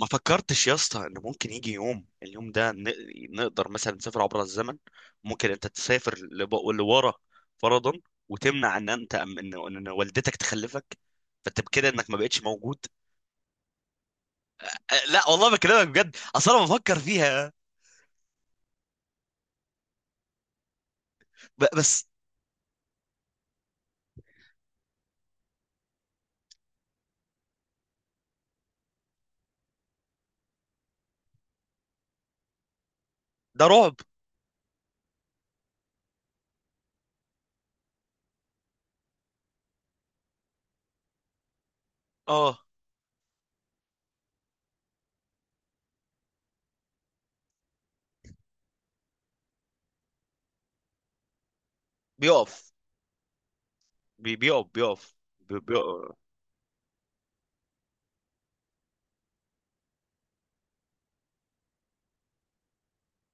ما فكرتش يا اسطى ان ممكن يجي يوم اليوم ده نقدر مثلا نسافر عبر الزمن. ممكن انت تسافر لورا فرضا وتمنع ان انت ان ان والدتك تخلفك، فانت بكده انك ما بقتش موجود. أه، لا والله بكلمك بجد، اصل انا بفكر فيها. بس ده رعب. اه، بيقف. بيقف.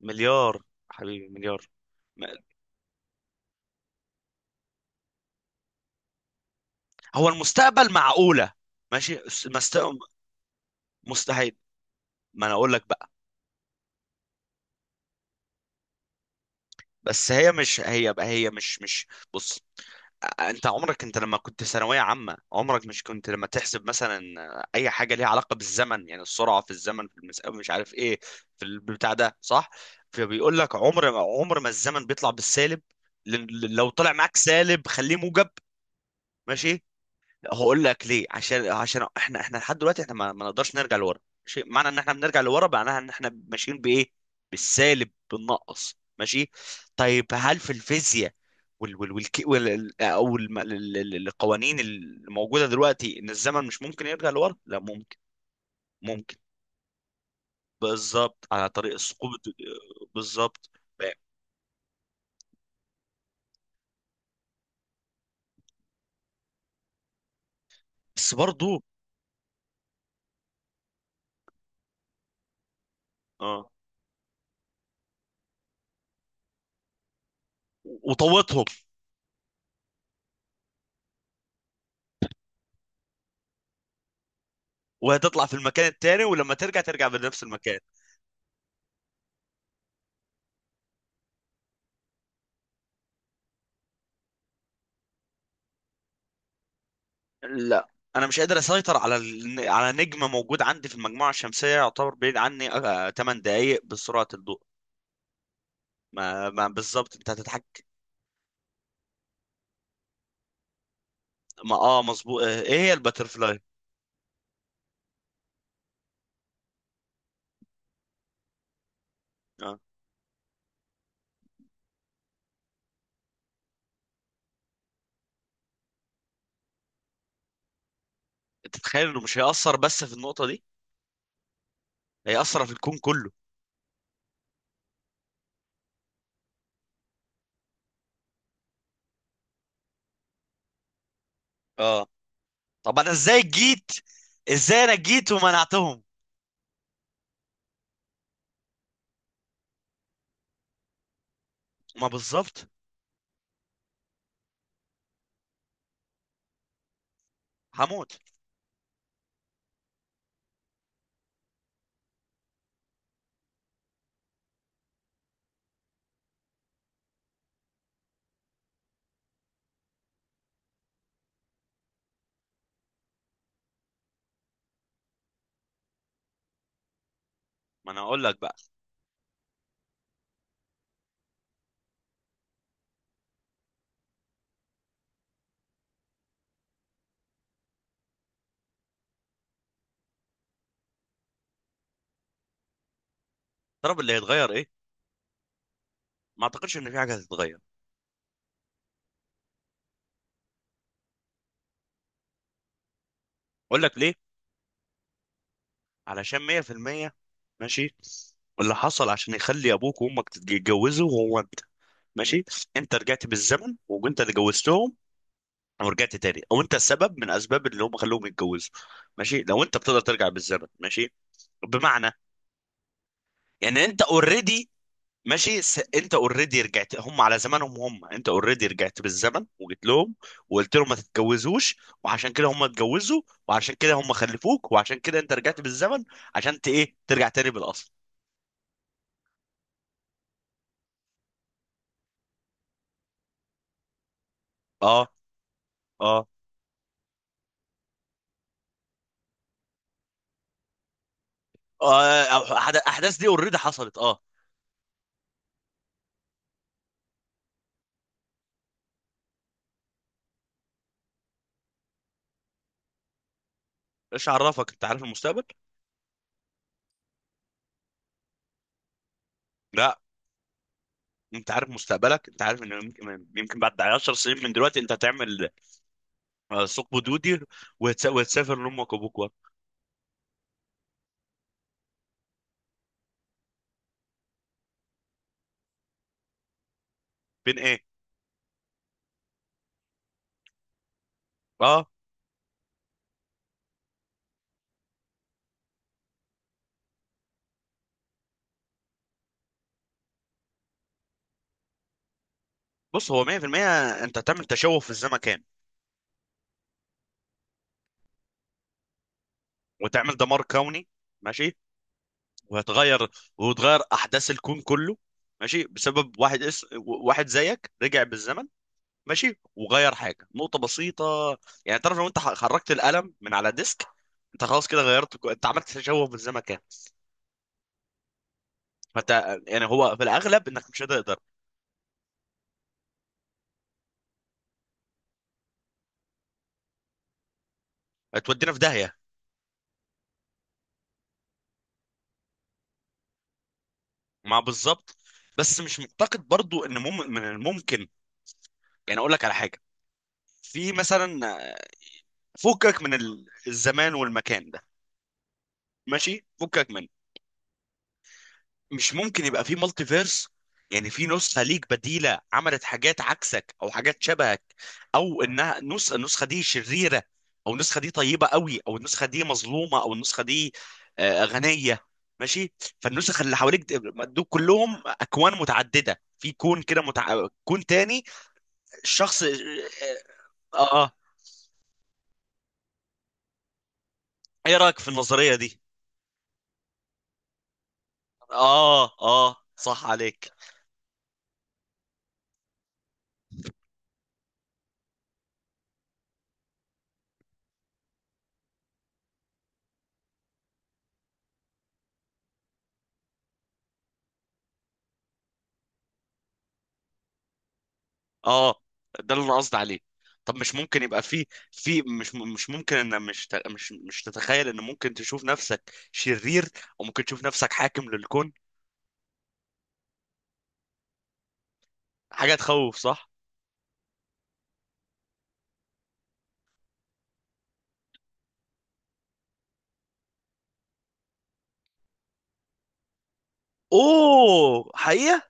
مليار. حبيبي مليار. ما- هو المستقبل معقولة؟ ماشي بس مستحيل. ما انا اقول لك بقى. بس هي مش هي، هي مش. بص، انت عمرك، انت لما كنت في ثانويه عامه، عمرك مش كنت لما تحسب مثلا اي حاجه ليها علاقه بالزمن، يعني السرعه في الزمن في المسافه مش عارف ايه في البتاع ده، صح؟ فبيقول لك عمر ما، عمر ما الزمن بيطلع بالسالب. لو طلع معاك سالب خليه موجب. ماشي. هقول لك ليه، عشان عشان احنا لحد دلوقتي احنا ما نقدرش نرجع لورا. ماشي؟ معنى ان احنا بنرجع لورا معناها ان احنا ماشيين بايه؟ بالسالب، بالنقص. ماشي؟ طيب هل في الفيزياء وال وال والك وال ال- او الم- ال- ال- ال- القوانين اللي موجوده دلوقتي ان الزمن مش ممكن يرجع لورا، لا ممكن؟ ممكن. بالظبط، على طريق السقوط. بالظبط. بس برضو اه. وطوتهم. وهتطلع في المكان التاني، ولما ترجع ترجع بنفس المكان. لا، انا مش قادر اسيطر على ال... على نجم موجود عندي في المجموعه الشمسيه يعتبر بعيد عني آه، 8 دقائق بسرعه الضوء. ما بالظبط، انت هتتحك. ما اه مظبوط. آه، ايه هي الباترفلاي؟ اه. انت تتخيل انه مش هيأثر بس في النقطه دي؟ هيأثر في الكون كله. اه. طب انا ازاي جيت؟ ازاي انا جيت ومنعتهم؟ ما بالظبط. هموت. ما انا اقول لك بقى. الطرف اللي هيتغير ايه؟ ما اعتقدش ان في حاجه هتتغير. اقول لك ليه؟ علشان 100%. ماشي؟ اللي حصل عشان يخلي ابوك وامك تتجوزوا هو انت. ماشي؟ انت رجعت بالزمن وانت اللي جوزتهم ورجعت تاني، او انت السبب من اسباب اللي هم خلوهم يتجوزوا. ماشي؟ لو انت بتقدر ترجع بالزمن. ماشي؟ بمعنى يعني انت اوريدي. ماشي. انت اوريدي رجعت هم على زمانهم، هم انت اوريدي رجعت بالزمن وجيت لهم وقلت لهم ما تتجوزوش، وعشان كده هم اتجوزوا، وعشان كده هم خلفوك، وعشان كده انت رجعت بالزمن عشان ايه ترجع تاني بالاصل. اه. اه. آه، الاحداث دي اوريدي حصلت، اه. ايش عرفك انت عارف المستقبل؟ لا. انت عارف مستقبلك، انت عارف ان يمكن بعد 10 سنين من دلوقتي انت هتعمل آه، ثقب دودي وهتسافر لامك وابوك ورا. بين ايه؟ اه. بص، هو 100% انت هتعمل تشوه في الزمكان، وتعمل دمار كوني. ماشي؟ وهتغير وتغير احداث الكون كله. ماشي؟ بسبب واحد واحد زيك رجع بالزمن. ماشي؟ وغير حاجه نقطه بسيطه. يعني تعرف لو انت خرجت القلم من على ديسك، انت خلاص كده غيرت انت عملت تشوه في الزمكان. فانت يعني هو في الاغلب انك مش هتقدر. تودينا في داهيه. مع بالظبط. بس مش معتقد برضو ان من الممكن. يعني اقول لك على حاجه. في مثلا الزمان والمكان ده. ماشي؟ فكك منه. مش ممكن يبقى في مالتي فيرس؟ يعني في نسخة ليك بديلة عملت حاجات عكسك او حاجات شبهك، او انها نسخة، النسخة دي شريرة، او النسخة دي طيبة قوي، او النسخة دي مظلومة، او النسخة دي آه، غنية. ماشي؟ فالنسخ اللي حواليك دول كلهم اكوان متعددة في كون كده كون تاني. الشخص اه. آه. آه. ايه رأيك في النظرية دي؟ اه اه، صح عليك. اه، ده اللي انا قصدي عليه. طب مش ممكن يبقى في في مش ممكن ان مش ت- مش مش تتخيل ان ممكن تشوف نفسك شرير، او ممكن تشوف نفسك حاكم للكون؟ حاجة تخوف، صح؟ اوه حقيقة.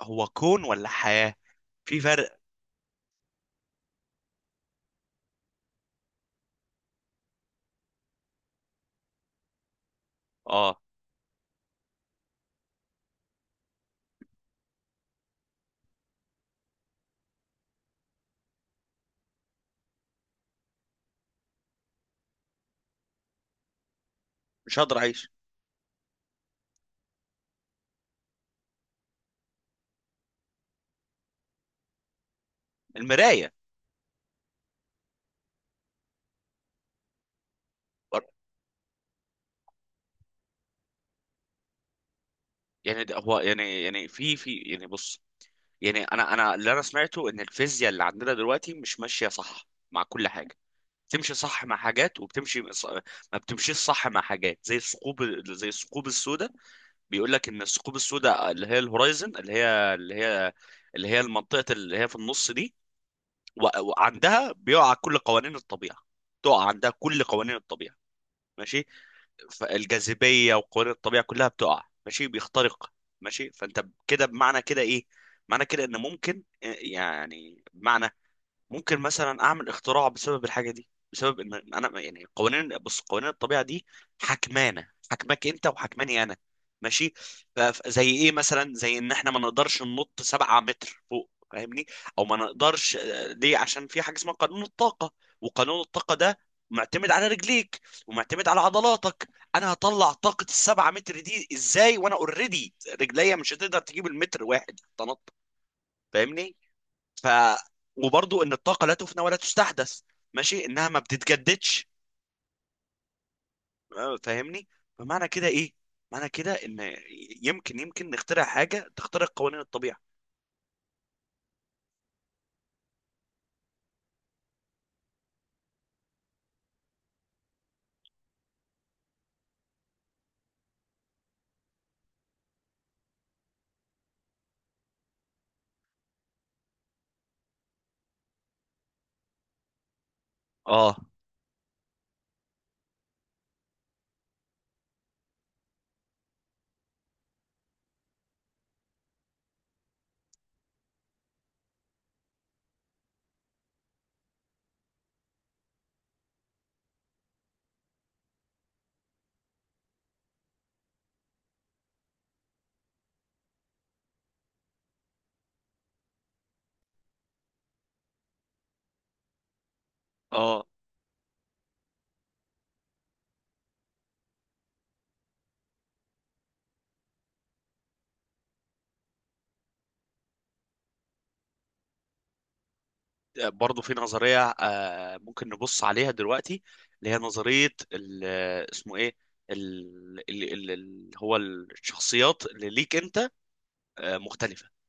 هو كون ولا حياة؟ في فرق. اه، مش هقدر اعيش. المراية. يعني ده هو يعني، يعني في يعني بص، يعني انا اللي انا سمعته ان الفيزياء اللي عندنا دلوقتي مش ماشية صح مع كل حاجة، بتمشي صح مع حاجات وبتمشي ما بتمشيش صح مع حاجات زي الثقوب، زي الثقوب السوداء. بيقول لك ان الثقوب السوداء اللي هي الهورايزن، اللي هي اللي هي المنطقه اللي هي في النص دي، وعندها بيقع كل قوانين الطبيعه، تقع عندها كل قوانين الطبيعه. ماشي؟ فالجاذبيه وقوانين الطبيعه كلها بتقع. ماشي؟ بيخترق. ماشي؟ فانت كده بمعنى كده ايه؟ معنى كده ان ممكن آه، يعني بمعنى ممكن مثلا اعمل اختراع بسبب الحاجه دي، بسبب ان انا يعني قوانين، بص قوانين الطبيعه دي حكمانه، حكمك انت وحكماني انا. ماشي؟ زي ايه مثلا؟ زي ان احنا ما نقدرش ننط 7 متر فوق، فاهمني؟ او ما نقدرش آه، ليه؟ عشان في حاجه اسمها قانون الطاقه، وقانون الطاقه ده معتمد على رجليك ومعتمد على عضلاتك. انا هطلع طاقه ال7 متر دي ازاي وانا اوريدي رجليا مش هتقدر تجيب المتر واحد تنط؟ فاهمني؟ ف وبرضو ان الطاقه لا تفنى ولا تستحدث. ماشي؟ انها ما بتتجددش. آه، فاهمني؟ فمعنى كده ايه؟ معنى كده ان يمكن، يمكن نخترع حاجه تخترق قوانين الطبيعه. اه. اه. برضو في نظريه، آه ممكن نبص عليها دلوقتي، اللي هي نظريه اسمه ايه، هو الشخصيات اللي ليك انت آه مختلفه.